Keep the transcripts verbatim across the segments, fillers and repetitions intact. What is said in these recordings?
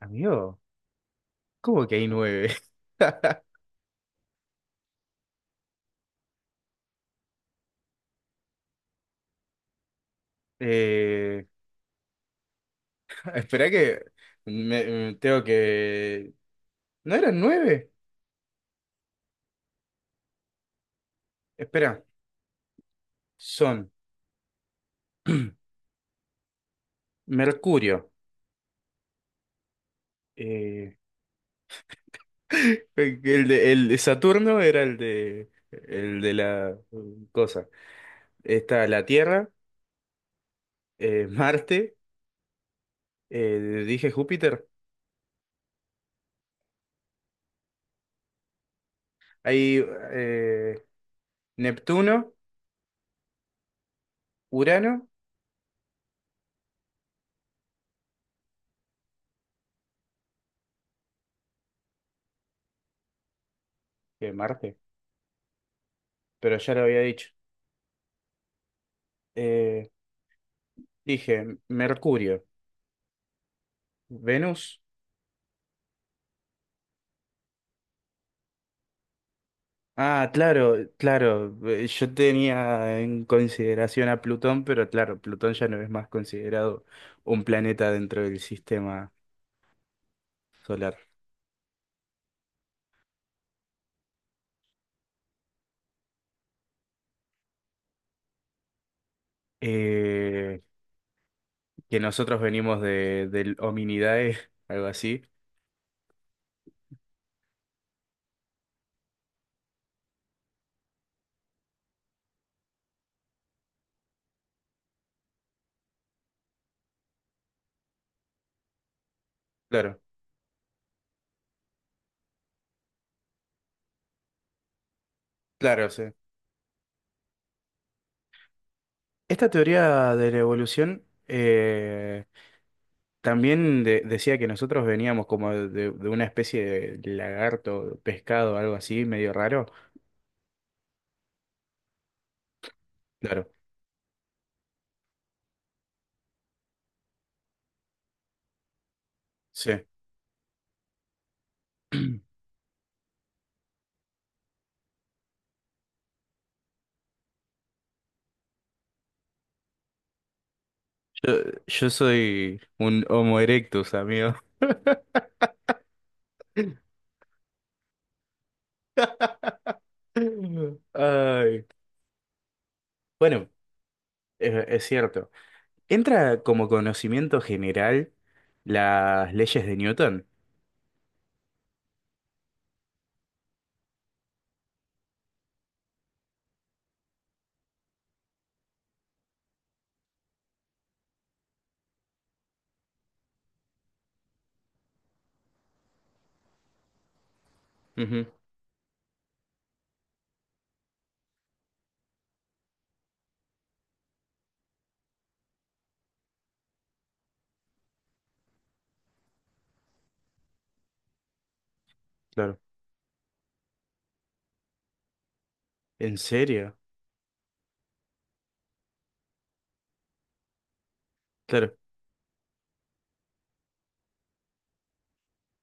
Amigo, ¿cómo que hay nueve? Eh, espera que me, me tengo que... ¿No eran nueve? Espera, son Mercurio. eh, el de, el de Saturno era el de, el de la mm, cosa. Está la Tierra, eh, Marte, eh, dije Júpiter. Hay eh, Neptuno, Urano, eh, Marte, pero ya lo había dicho. Eh, dije Mercurio. Venus. Ah, claro, claro. eh, Yo tenía en consideración a Plutón, pero claro, Plutón ya no es más considerado un planeta dentro del sistema solar. Eh, que nosotros venimos de, del Hominidae, algo así. Claro, claro, sí. Esta teoría de la evolución eh, también de- decía que nosotros veníamos como de, de una especie de lagarto, pescado, algo así, medio raro. Claro, sí. Yo, yo soy un Homo erectus, amigo. Ay. Bueno, es, es cierto. Entra como conocimiento general las leyes de Newton. Ujú, claro. ¿En serio? Claro.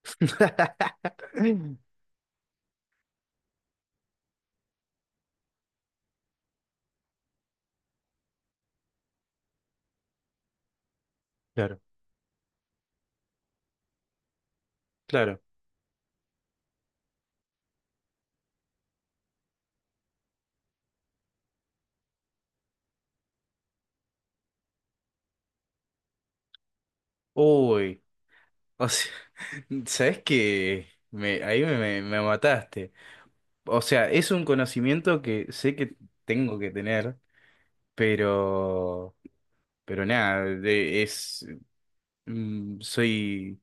Claro, claro. Uy, o sea, ¿sabes qué? Me, ahí me, me- me mataste. O sea, es un conocimiento que sé que tengo que tener, pero, pero nada, de- es Mm, soy,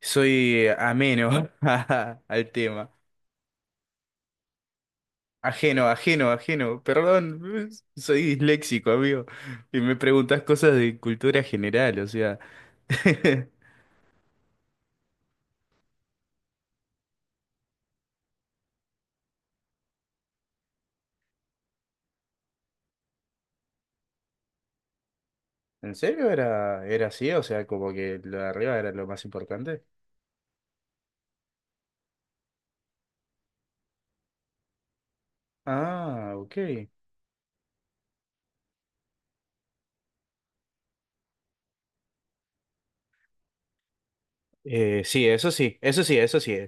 soy eh, ameno a- al tema. Ajeno, ajeno, ajeno. Perdón, soy disléxico, amigo. Y me preguntas cosas de cultura general, o sea. ¿En serio era, era así? O sea, como que lo de arriba era lo más importante. Ah, ok. Eh, sí, eso sí, eso sí, eso sí.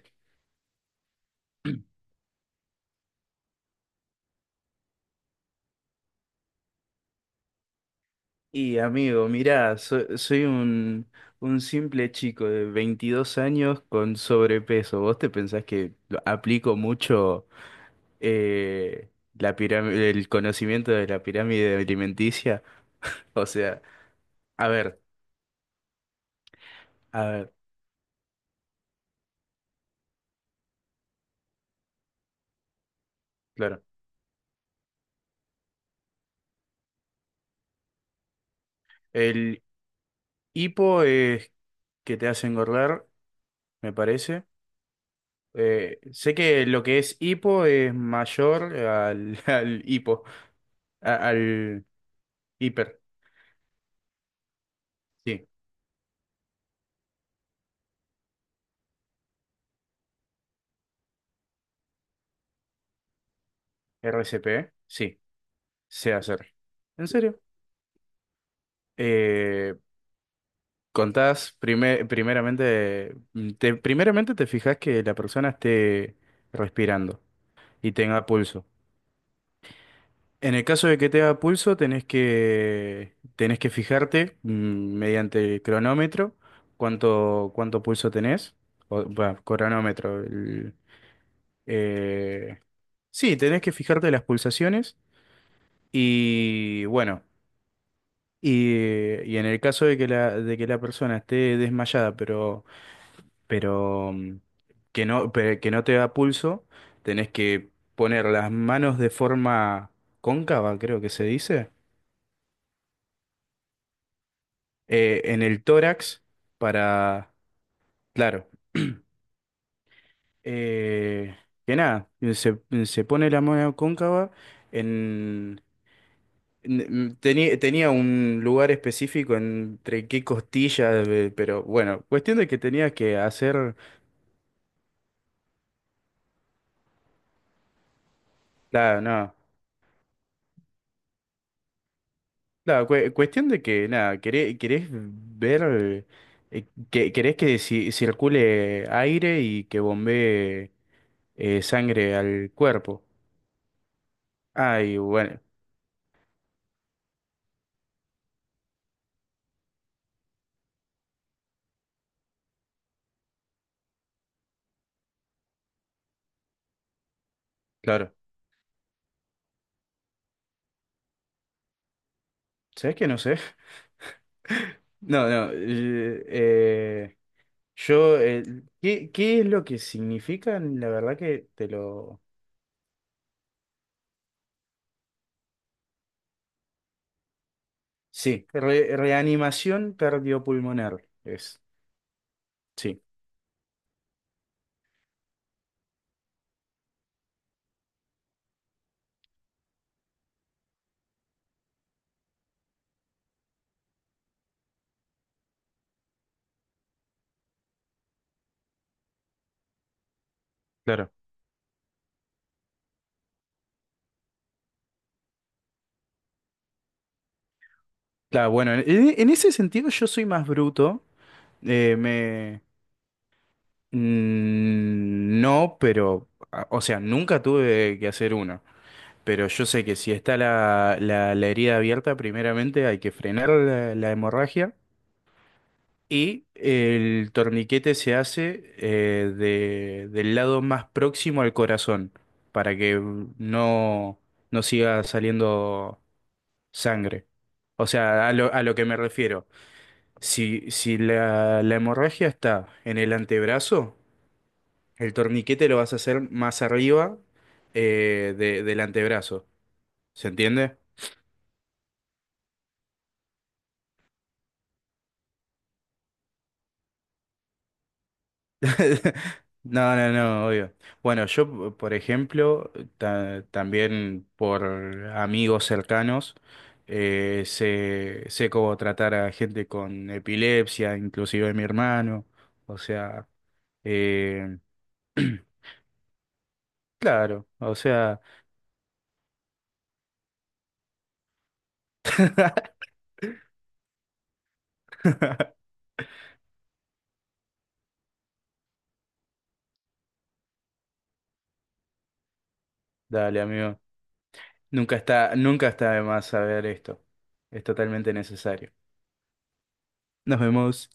Y amigo, mirá, so- soy un, un simple chico de veintidós años con sobrepeso. ¿Vos te pensás que lo- aplico mucho eh, la piram- el conocimiento de la pirámide alimenticia? O sea, a ver, a ver, claro. El hipo es que te hace engordar, me parece. Eh, sé que lo que es hipo es mayor al, al hipo, a- al hiper, sí. R C P, sí. Sé hacer. ¿En serio? Eh, contás prime- primeramente, mm, te, primeramente te fijas que la persona esté respirando y tenga pulso. En el caso de que tenga pulso, tenés que, tenés que fijarte mm, mediante el cronómetro cuánto, cuánto pulso tenés. O, bah, cronómetro. el- eh, sí, tenés que fijarte las pulsaciones y bueno. Y, y en el caso de que la, de que la persona esté desmayada, pero, pero mm, que no, pe- que no te da pulso, tenés que poner las manos de forma cóncava, creo que se dice, eh, en el tórax para, claro, eh, que nada, eh, se, se pone la mano cóncava en... n- Tenía, tenía un lugar específico entre qué costillas, eh, pero bueno, cuestión de que tenías que hacer... Claro, no. Claro, cue- cuestión de que, nada, queré- querés, ver, eh, que, querés que ci- circule aire y que bombee eh, sangre al cuerpo. Ay, bueno, claro. ¿Sabes qué? No sé. No, no. eh, eh, yo, eh, ¿qué, qué es lo que significan? La verdad que te lo... Sí, re- reanimación cardiopulmonar es. Sí, claro. Claro, bueno, en, en ese sentido yo soy más bruto. eh, Mm, No, pero, a- o sea, nunca tuve que hacer una. Pero yo sé que si está la, la, la herida abierta, primeramente hay que frenar la, la hemorragia y el torniquete se hace eh, de- del lado más próximo al corazón para que no, no siga saliendo sangre. O sea, a lo, a lo que me refiero, si, si la, la hemorragia está en el antebrazo, el torniquete lo vas a hacer más arriba eh, de- del antebrazo. ¿Se entiende? No, no, no, obvio. Bueno, yo, por ejemplo, ta- también por amigos cercanos, eh, sé, sé cómo tratar a gente con epilepsia, inclusive mi hermano. O sea, eh, claro, o sea, dale, amigo. Nunca está, nunca está de más saber esto. Es totalmente necesario. Nos vemos.